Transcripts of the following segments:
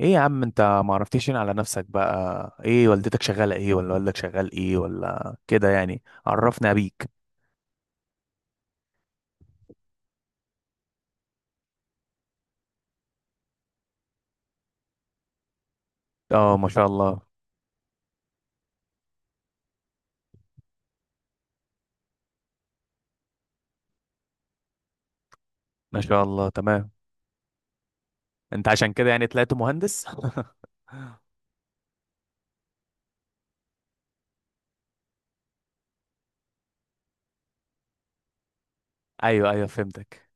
ايه يا عم، انت ما عرفتيش هنا على نفسك؟ بقى ايه والدتك شغالة ايه، ولا والدك شغال ايه ولا كده يعني؟ عرفنا بيك. اه، ما شاء الله. ما شاء الله، تمام. انت عشان كده يعني طلعت مهندس؟ ايوه، ايوه، فهمتك.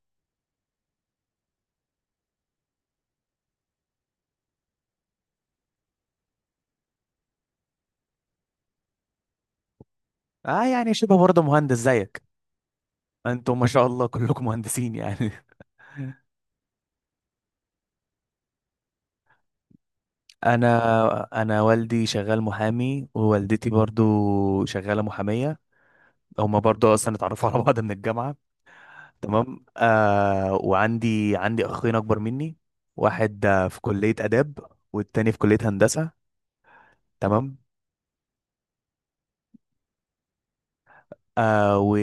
اه، يعني شبه برضه مهندس زيك. انتم ما شاء الله كلكم مهندسين يعني. انا والدي شغال محامي، ووالدتي برضه شغالة محامية. هما برضه اصلا اتعرفوا على بعض من الجامعة. تمام. وعندي اخين اكبر مني. واحد في كلية آداب، والتاني في كلية هندسة. تمام. آه و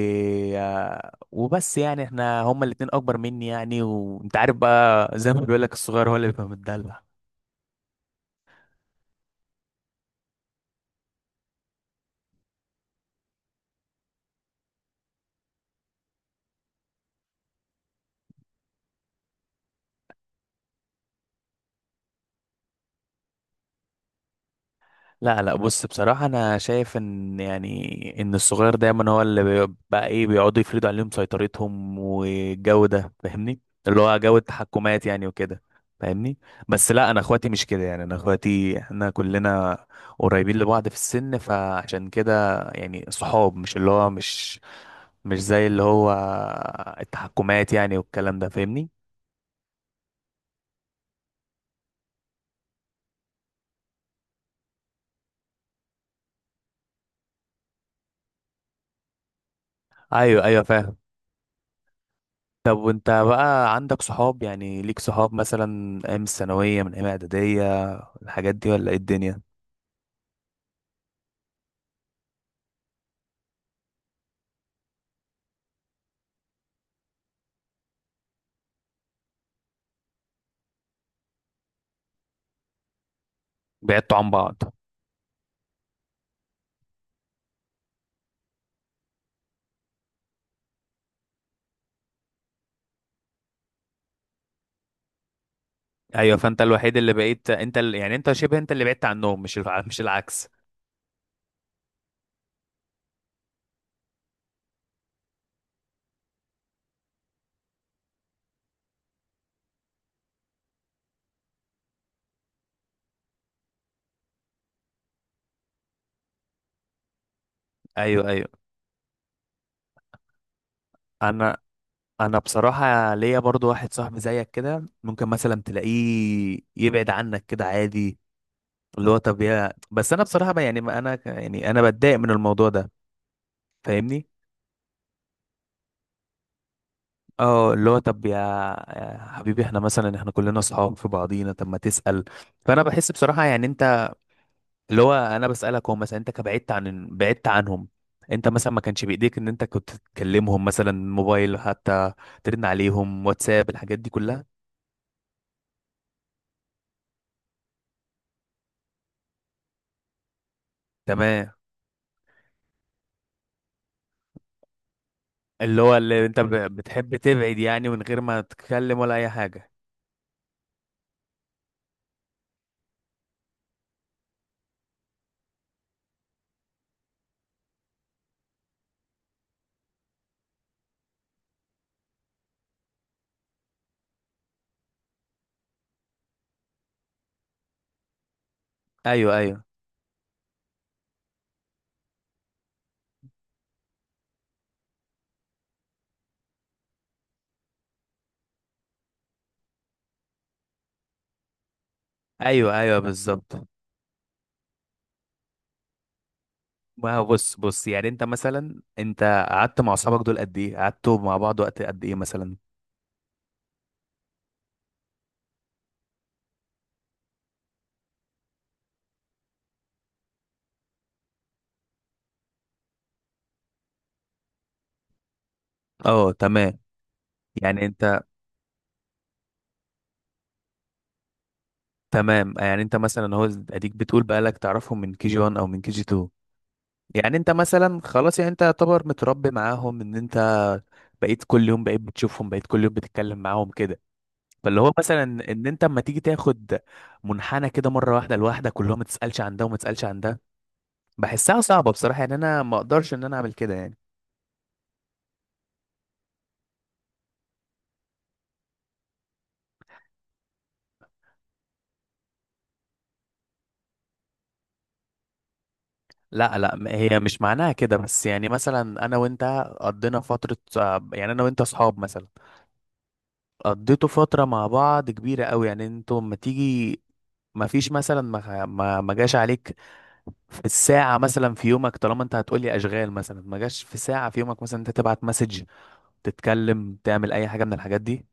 آه وبس يعني احنا هما الاتنين اكبر مني، يعني وانت عارف بقى، زي ما بيقول لك الصغير هو اللي بيبقى متدلع. لا، لا، بص، بصراحة أنا شايف إن يعني إن الصغير دايما هو اللي بقى إيه، بيقعدوا يفرضوا عليهم سيطرتهم والجو ده، فاهمني؟ اللي هو جو التحكمات يعني وكده. فاهمني؟ بس لا، أنا إخواتي مش كده، يعني أنا إخواتي إحنا كلنا قريبين لبعض في السن، فعشان كده يعني صحاب، مش اللي هو مش، مش زي اللي هو التحكمات يعني والكلام ده، فاهمني؟ أيوه، أيوه، فاهم. طب وانت بقى عندك صحاب؟ يعني ليك صحاب مثلا ايام الثانوية، من ايام اعدادية، الحاجات دي، ولا ايه الدنيا؟ بعدتوا عن بعض؟ ايوه، فانت الوحيد اللي بقيت انت يعني انت شبه انت اللي بعدت عنهم، مش العكس. ايوه، ايوه. انا انا بصراحة ليا برضو واحد صاحبي زيك كده، ممكن مثلا تلاقيه يبعد عنك كده عادي. اللي هو طب يا، بس انا بصراحة بقى يعني ما انا يعني انا بتضايق من الموضوع ده، فاهمني؟ اه، اللي هو طب يا، يا حبيبي احنا مثلا احنا كلنا اصحاب في بعضينا، طب ما تسأل. فانا بحس بصراحة يعني انت، اللي هو انا بسألك، هو مثلا انت كبعدت عن بعدت عنهم، انت مثلا ما كانش بايديك ان انت كنت تكلمهم مثلا موبايل حتى، ترن عليهم، واتساب الحاجات دي كلها. تمام. اللي هو اللي انت بتحب تبعد يعني، من غير ما تتكلم ولا اي حاجة. ايوه، ايوه، ايوه، ايوه، بالظبط. ما هو بص، بص، يعني انت مثلا انت قعدت مع اصحابك دول قد ايه؟ قعدتوا مع بعض وقت قد ايه مثلا؟ اه، تمام. يعني انت تمام يعني انت مثلا هو اديك بتقول بقالك تعرفهم من كي جي 1 او من كي جي 2. يعني انت مثلا خلاص، يعني انت يعتبر متربي معاهم، ان انت بقيت كل يوم، بقيت بتشوفهم، بقيت كل يوم بتتكلم معاهم كده. فاللي هو مثلا ان انت اما تيجي تاخد منحنى كده مره واحده لوحدك، كلهم ما تسالش عن ده وما تسالش عن ده، بحسها صعبه بصراحه، يعني انا ما اقدرش ان انا اعمل كده يعني. لا، لا، هي مش معناها كده، بس يعني مثلا انا وانت قضينا فتره، يعني انا وانت اصحاب مثلا، قضيتوا فترة مع بعض كبيرة قوي، يعني انتوا لما تيجي ما فيش مثلا، ما جاش عليك في الساعة مثلا في يومك، طالما انت هتقولي اشغال مثلا، ما جاش في ساعة في يومك مثلا انت تبعت مسج، تتكلم، تعمل اي حاجة من الحاجات دي.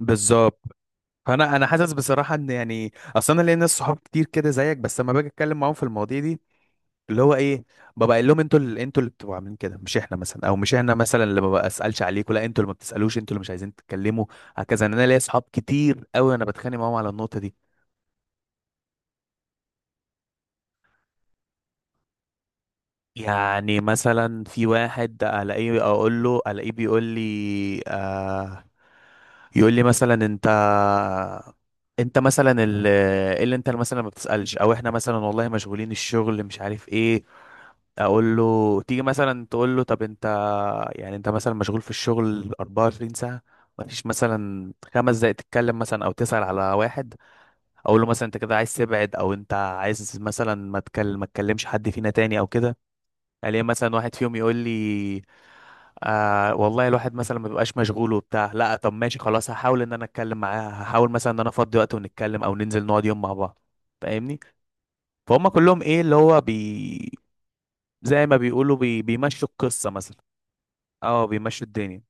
بالظبط. فانا حاسس بصراحه ان يعني اصلا انا ليا ناس صحاب كتير كده زيك، بس لما باجي اتكلم معاهم في المواضيع دي، اللي هو ايه، ببقى قايل لهم انتوا اللي، انتوا اللي بتبقوا عاملين كده، مش احنا مثلا، او مش احنا مثلا اللي ما بسالش عليكم، لا انتوا اللي ما بتسالوش، انتوا اللي مش عايزين تتكلموا. هكذا، إن انا ليا صحاب كتير قوي انا بتخانق معاهم على النقطه دي. يعني مثلا في واحد الاقيه اقول له، الاقيه بيقول لي يقول لي مثلا: انت، انت مثلا إيه اللي انت مثلا ما بتسألش، او احنا مثلا والله مشغولين، الشغل مش عارف ايه. اقول له تيجي مثلا تقول له: طب انت، يعني انت مثلا مشغول في الشغل 24 ساعة؟ مفيش مثلا خمس دقايق تتكلم مثلا او تسأل على واحد؟ اقول له مثلا: انت كده عايز تبعد، او انت عايز مثلا ما تكلمش حد فينا تاني او كده؟ الاقي مثلا واحد فيهم يقول لي: والله الواحد مثلا ما بيبقاش مشغول وبتاع. لا طب ماشي خلاص، هحاول ان انا اتكلم معاه، هحاول مثلا ان انا افضي وقت ونتكلم، او ننزل نقعد يوم مع بعض. فاهمني؟ فهم كلهم، ايه اللي هو زي ما بيقولوا بيمشوا القصة مثلا. اه، بيمشوا الدنيا.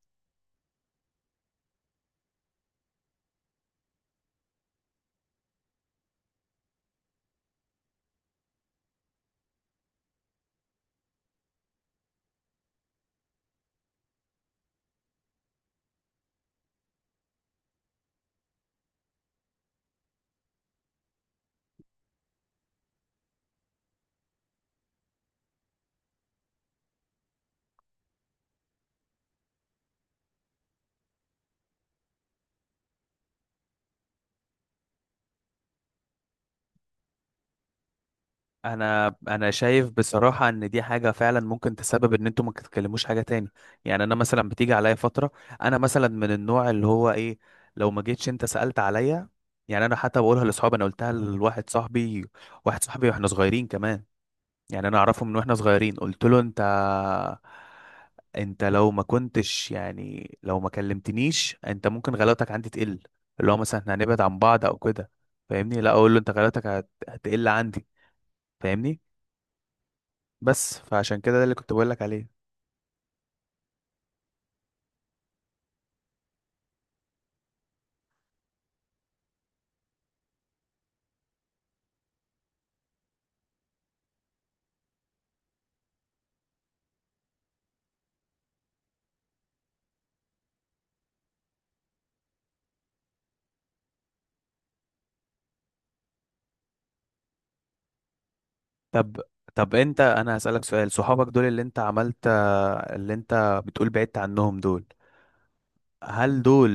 انا شايف بصراحه ان دي حاجه فعلا ممكن تسبب ان انتوا ما تتكلموش حاجه تاني. يعني انا مثلا بتيجي عليا فتره، انا مثلا من النوع اللي هو ايه، لو ما جيتش انت سالت عليا. يعني انا حتى بقولها لاصحابي، انا قلتها لواحد صاحبي، واحد صاحبي واحنا صغيرين كمان، يعني انا اعرفه من واحنا صغيرين، قلت له: انت، لو ما كنتش يعني لو ما كلمتنيش، انت ممكن غلاوتك عندي تقل، اللي هو مثلا احنا هنبعد عن بعض او كده. فاهمني؟ لا، اقول له: انت غلاوتك هتقل عندي. فاهمني؟ بس فعشان كده ده اللي كنت بقولك عليه. طب طب انت، انا هسألك سؤال. صحابك دول اللي انت عملت، اللي انت بتقول بعدت عنهم دول، هل دول،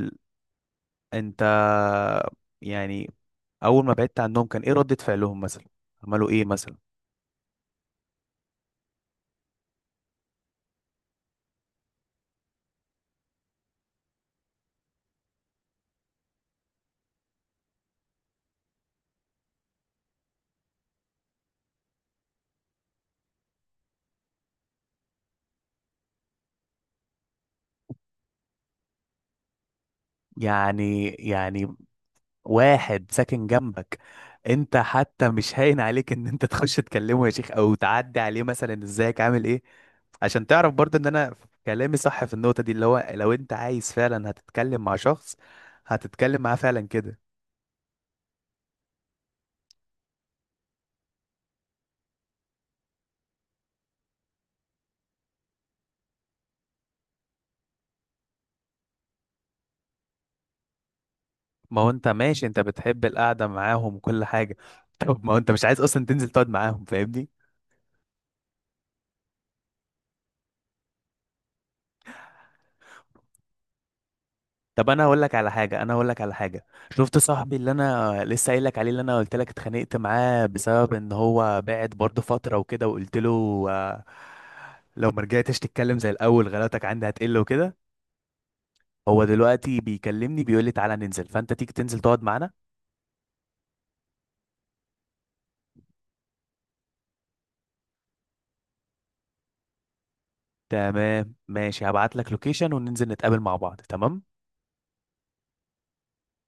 انت، يعني، اول ما بعدت عنهم كان ايه ردة فعلهم مثلا؟ عملوا ايه مثلا؟ يعني واحد ساكن جنبك؟ انت حتى مش هاين عليك ان انت تخش تكلمه يا شيخ، او تعدي عليه مثلا: ازيك عامل ايه؟ عشان تعرف برضه ان انا كلامي صح في النقطة دي. اللي هو لو انت عايز فعلا هتتكلم مع شخص، هتتكلم معاه فعلا كده. ما هو انت ماشي، انت بتحب القعدة معاهم وكل حاجة طب ما هو انت مش عايز اصلا تنزل تقعد معاهم، فاهمني؟ طب انا هقول لك على حاجه انا هقول لك على حاجه. شفت صاحبي اللي انا لسه قايل لك عليه، اللي انا قلت لك اتخانقت معاه، بسبب ان هو بعد برضه فتره وكده، وقلت له لو ما رجعتش تتكلم زي الاول غلطك عندي هتقل وكده. هو دلوقتي بيكلمني بيقول لي: تعالى ننزل، فانت تيجي تنزل تقعد معانا. تمام ماشي، هبعت لك لوكيشن وننزل نتقابل مع بعض. تمام.